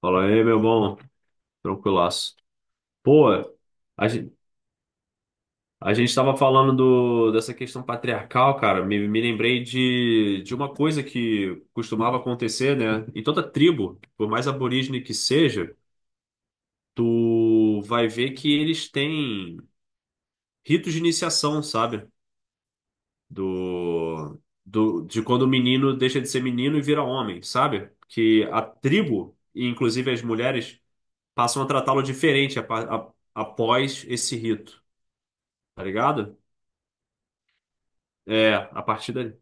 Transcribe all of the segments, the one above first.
Fala aí, meu bom. Tranquilaço. Pô, a gente, a gente tava falando dessa questão patriarcal, cara. Me lembrei de uma coisa que costumava acontecer, né? Em toda tribo, por mais aborígene que seja, tu vai ver que eles têm ritos de iniciação, sabe? Do, de quando o menino deixa de ser menino e vira homem, sabe? Que a tribo, e inclusive as mulheres, passam a tratá-lo diferente após esse rito. Tá ligado? É, a partir dali.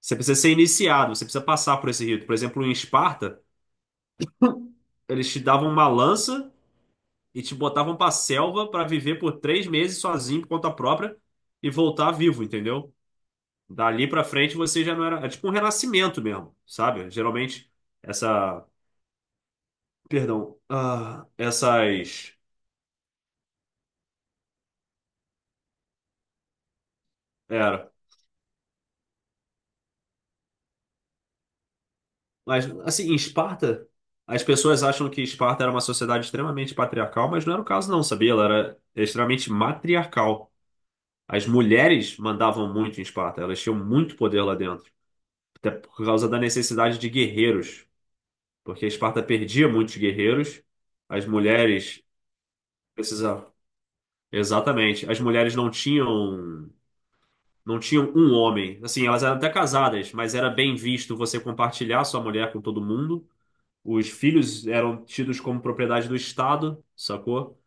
Você precisa ser iniciado, você precisa passar por esse rito. Por exemplo, em Esparta, eles te davam uma lança e te botavam pra selva pra viver por três meses sozinho por conta própria e voltar vivo, entendeu? Dali pra frente você já não era. É tipo um renascimento mesmo, sabe? Geralmente, essa. Perdão. Ah, essas. Era. Mas, assim, em Esparta, as pessoas acham que Esparta era uma sociedade extremamente patriarcal, mas não era o caso, não, sabia? Ela era extremamente matriarcal. As mulheres mandavam muito em Esparta, elas tinham muito poder lá dentro, até por causa da necessidade de guerreiros, porque Esparta perdia muitos guerreiros, as mulheres precisavam. Exatamente, as mulheres não tinham não tinham um homem, assim, elas eram até casadas, mas era bem visto você compartilhar sua mulher com todo mundo. Os filhos eram tidos como propriedade do Estado, sacou?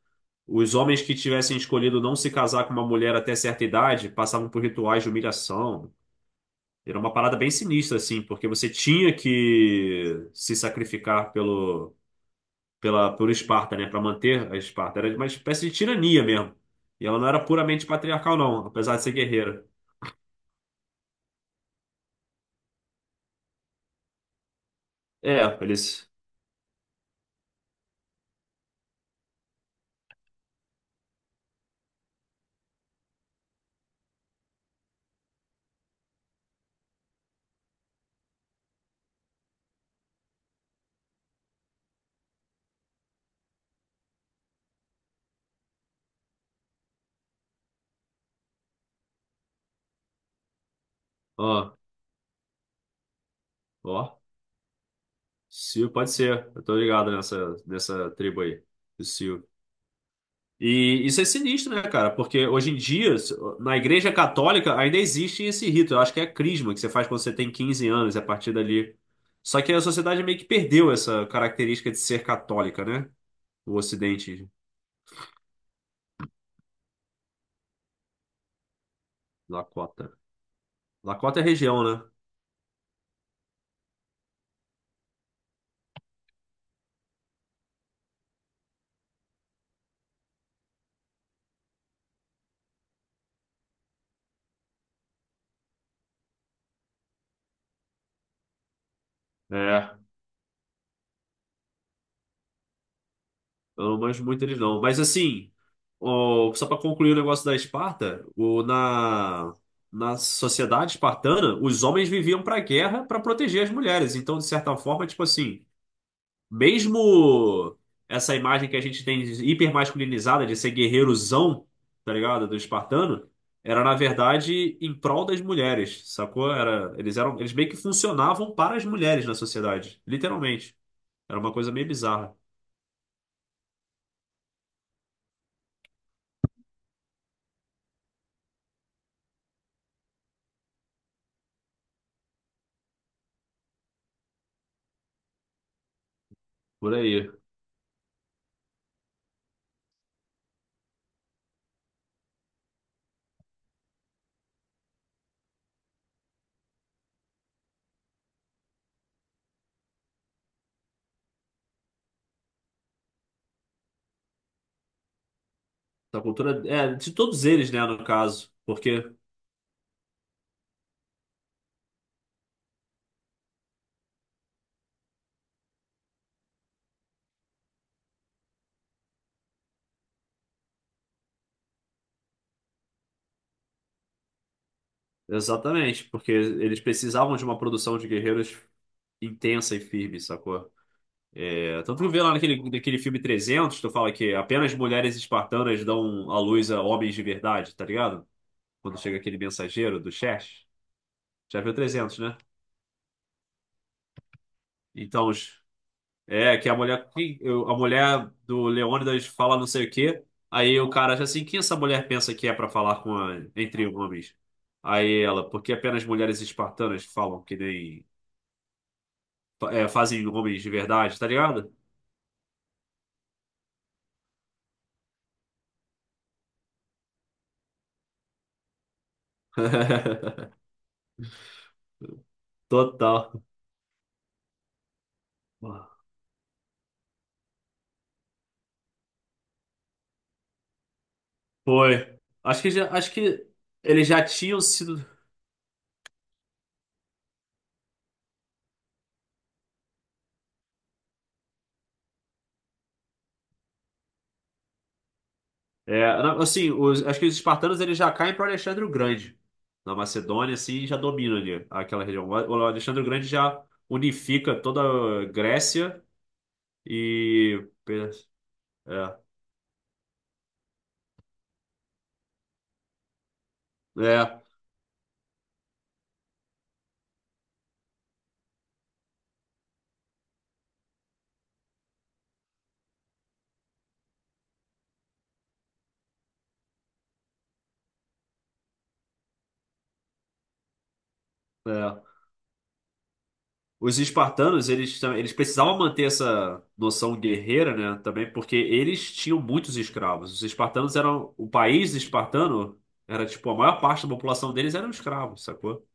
Os homens que tivessem escolhido não se casar com uma mulher até certa idade passavam por rituais de humilhação. Era uma parada bem sinistra, assim, porque você tinha que se sacrificar por Esparta, né? Para manter a Esparta. Era uma espécie de tirania mesmo. E ela não era puramente patriarcal, não, apesar de ser guerreira. É, eles. Ó, ó. Sil, pode ser. Eu tô ligado nessa, nessa tribo aí. Do Sil. E isso é sinistro, né, cara? Porque hoje em dia, na Igreja Católica, ainda existe esse rito. Eu acho que é a crisma que você faz quando você tem 15 anos, é a partir dali. Só que a sociedade meio que perdeu essa característica de ser católica, né? O Ocidente, Lakota. Lakota é região, né? É. Eu não manjo muito eles, não. Mas assim, só para concluir o negócio da Esparta, na sociedade espartana, os homens viviam para guerra para proteger as mulheres. Então, de certa forma, tipo assim. Mesmo essa imagem que a gente tem de hipermasculinizada de ser guerreirozão, tá ligado? Do espartano, era na verdade em prol das mulheres, sacou? Era, eles eram, eles meio que funcionavam para as mulheres na sociedade, literalmente. Era uma coisa meio bizarra. Por aí. Da cultura, é, de todos eles, né, no caso. Porque, exatamente, porque eles precisavam de uma produção de guerreiros intensa e firme, sacou? É, tanto que vê lá naquele filme 300, tu fala que apenas mulheres espartanas dão à luz a homens de verdade, tá ligado? Quando chega aquele mensageiro do Xerxes. Já viu 300, né? Então, os- é que a mulher, a mulher do Leônidas fala não sei o quê, aí o cara já assim, quem essa mulher pensa que é pra falar com entre homens? Aí ela, porque apenas mulheres espartanas falam que nem, fazem homens de verdade, tá ligado? Total. Foi. Acho que já, acho que eles já tinham sido. É, não, assim, acho que os espartanos eles já caem para Alexandre o Grande. Na Macedônia, assim, já domina ali aquela região. O Alexandre o Grande já unifica toda a Grécia e. É, é, é. Os espartanos, eles, eles precisavam manter essa noção guerreira, né? Também porque eles tinham muitos escravos. Os espartanos eram. O país espartano era, tipo, a maior parte da população deles eram escravos, sacou?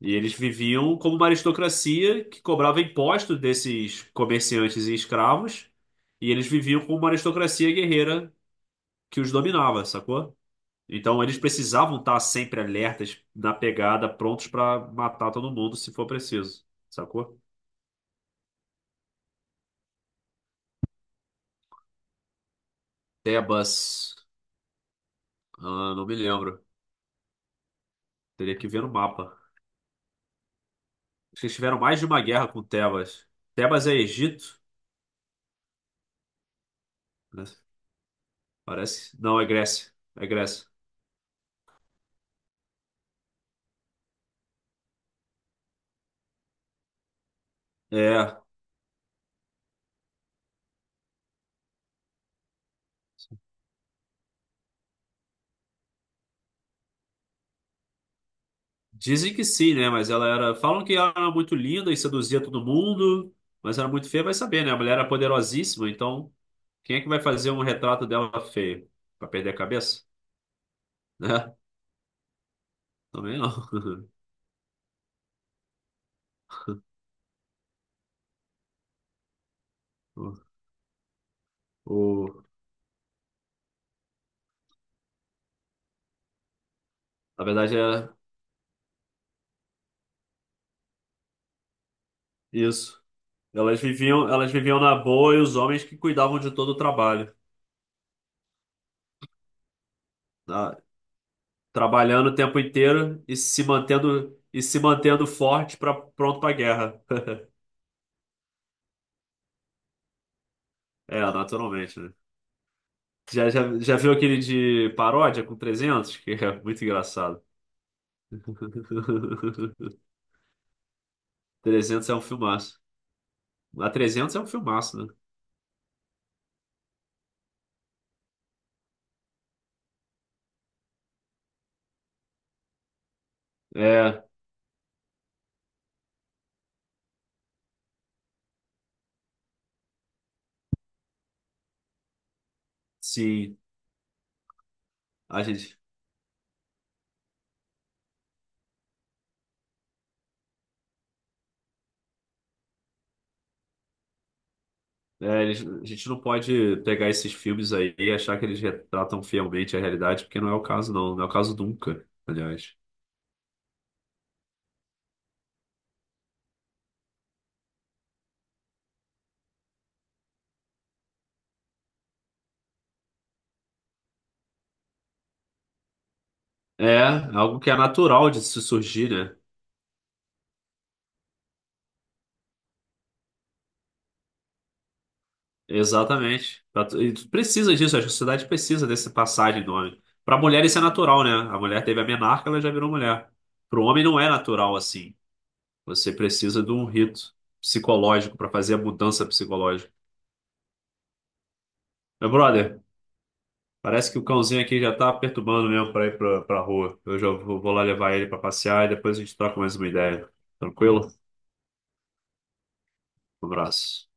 E eles viviam como uma aristocracia que cobrava impostos desses comerciantes e escravos, e eles viviam como uma aristocracia guerreira que os dominava, sacou? Então eles precisavam estar sempre alertas, na pegada, prontos para matar todo mundo se for preciso, sacou? Tebas, ah, não me lembro, teria que ver no mapa. Acho que eles tiveram mais de uma guerra com Tebas. Tebas é Egito, né? Parece. Não, é Grécia. É Grécia. É. Dizem que sim, né? Mas ela era. Falam que ela era muito linda e seduzia todo mundo, mas era muito feia, vai saber, né? A mulher era poderosíssima, então quem é que vai fazer um retrato dela feio? Pra perder a cabeça? Né? Também não. O, o- na verdade é isso. Elas viviam na boa e os homens que cuidavam de todo o trabalho, tá? Trabalhando o tempo inteiro e se mantendo forte para pronto para guerra. É, naturalmente, né? Já viu aquele de paródia com 300 que é muito engraçado. Trezentos é um filmaço. A trezentos é um filmaço, né? É, sim. A gente, é, a gente não pode pegar esses filmes aí e achar que eles retratam fielmente a realidade, porque não é o caso, não. Não é o caso nunca, aliás. É, algo que é natural de se surgir, né? Exatamente. E tu precisa disso, a sociedade precisa dessa passagem do homem. Para mulher isso é natural, né? A mulher teve a menarca, ela já virou mulher. Para o homem não é natural assim. Você precisa de um rito psicológico para fazer a mudança psicológica. Meu brother, parece que o cãozinho aqui já tá perturbando mesmo para ir pra rua. Eu já vou lá levar ele para passear e depois a gente troca mais uma ideia. Tranquilo? Um abraço.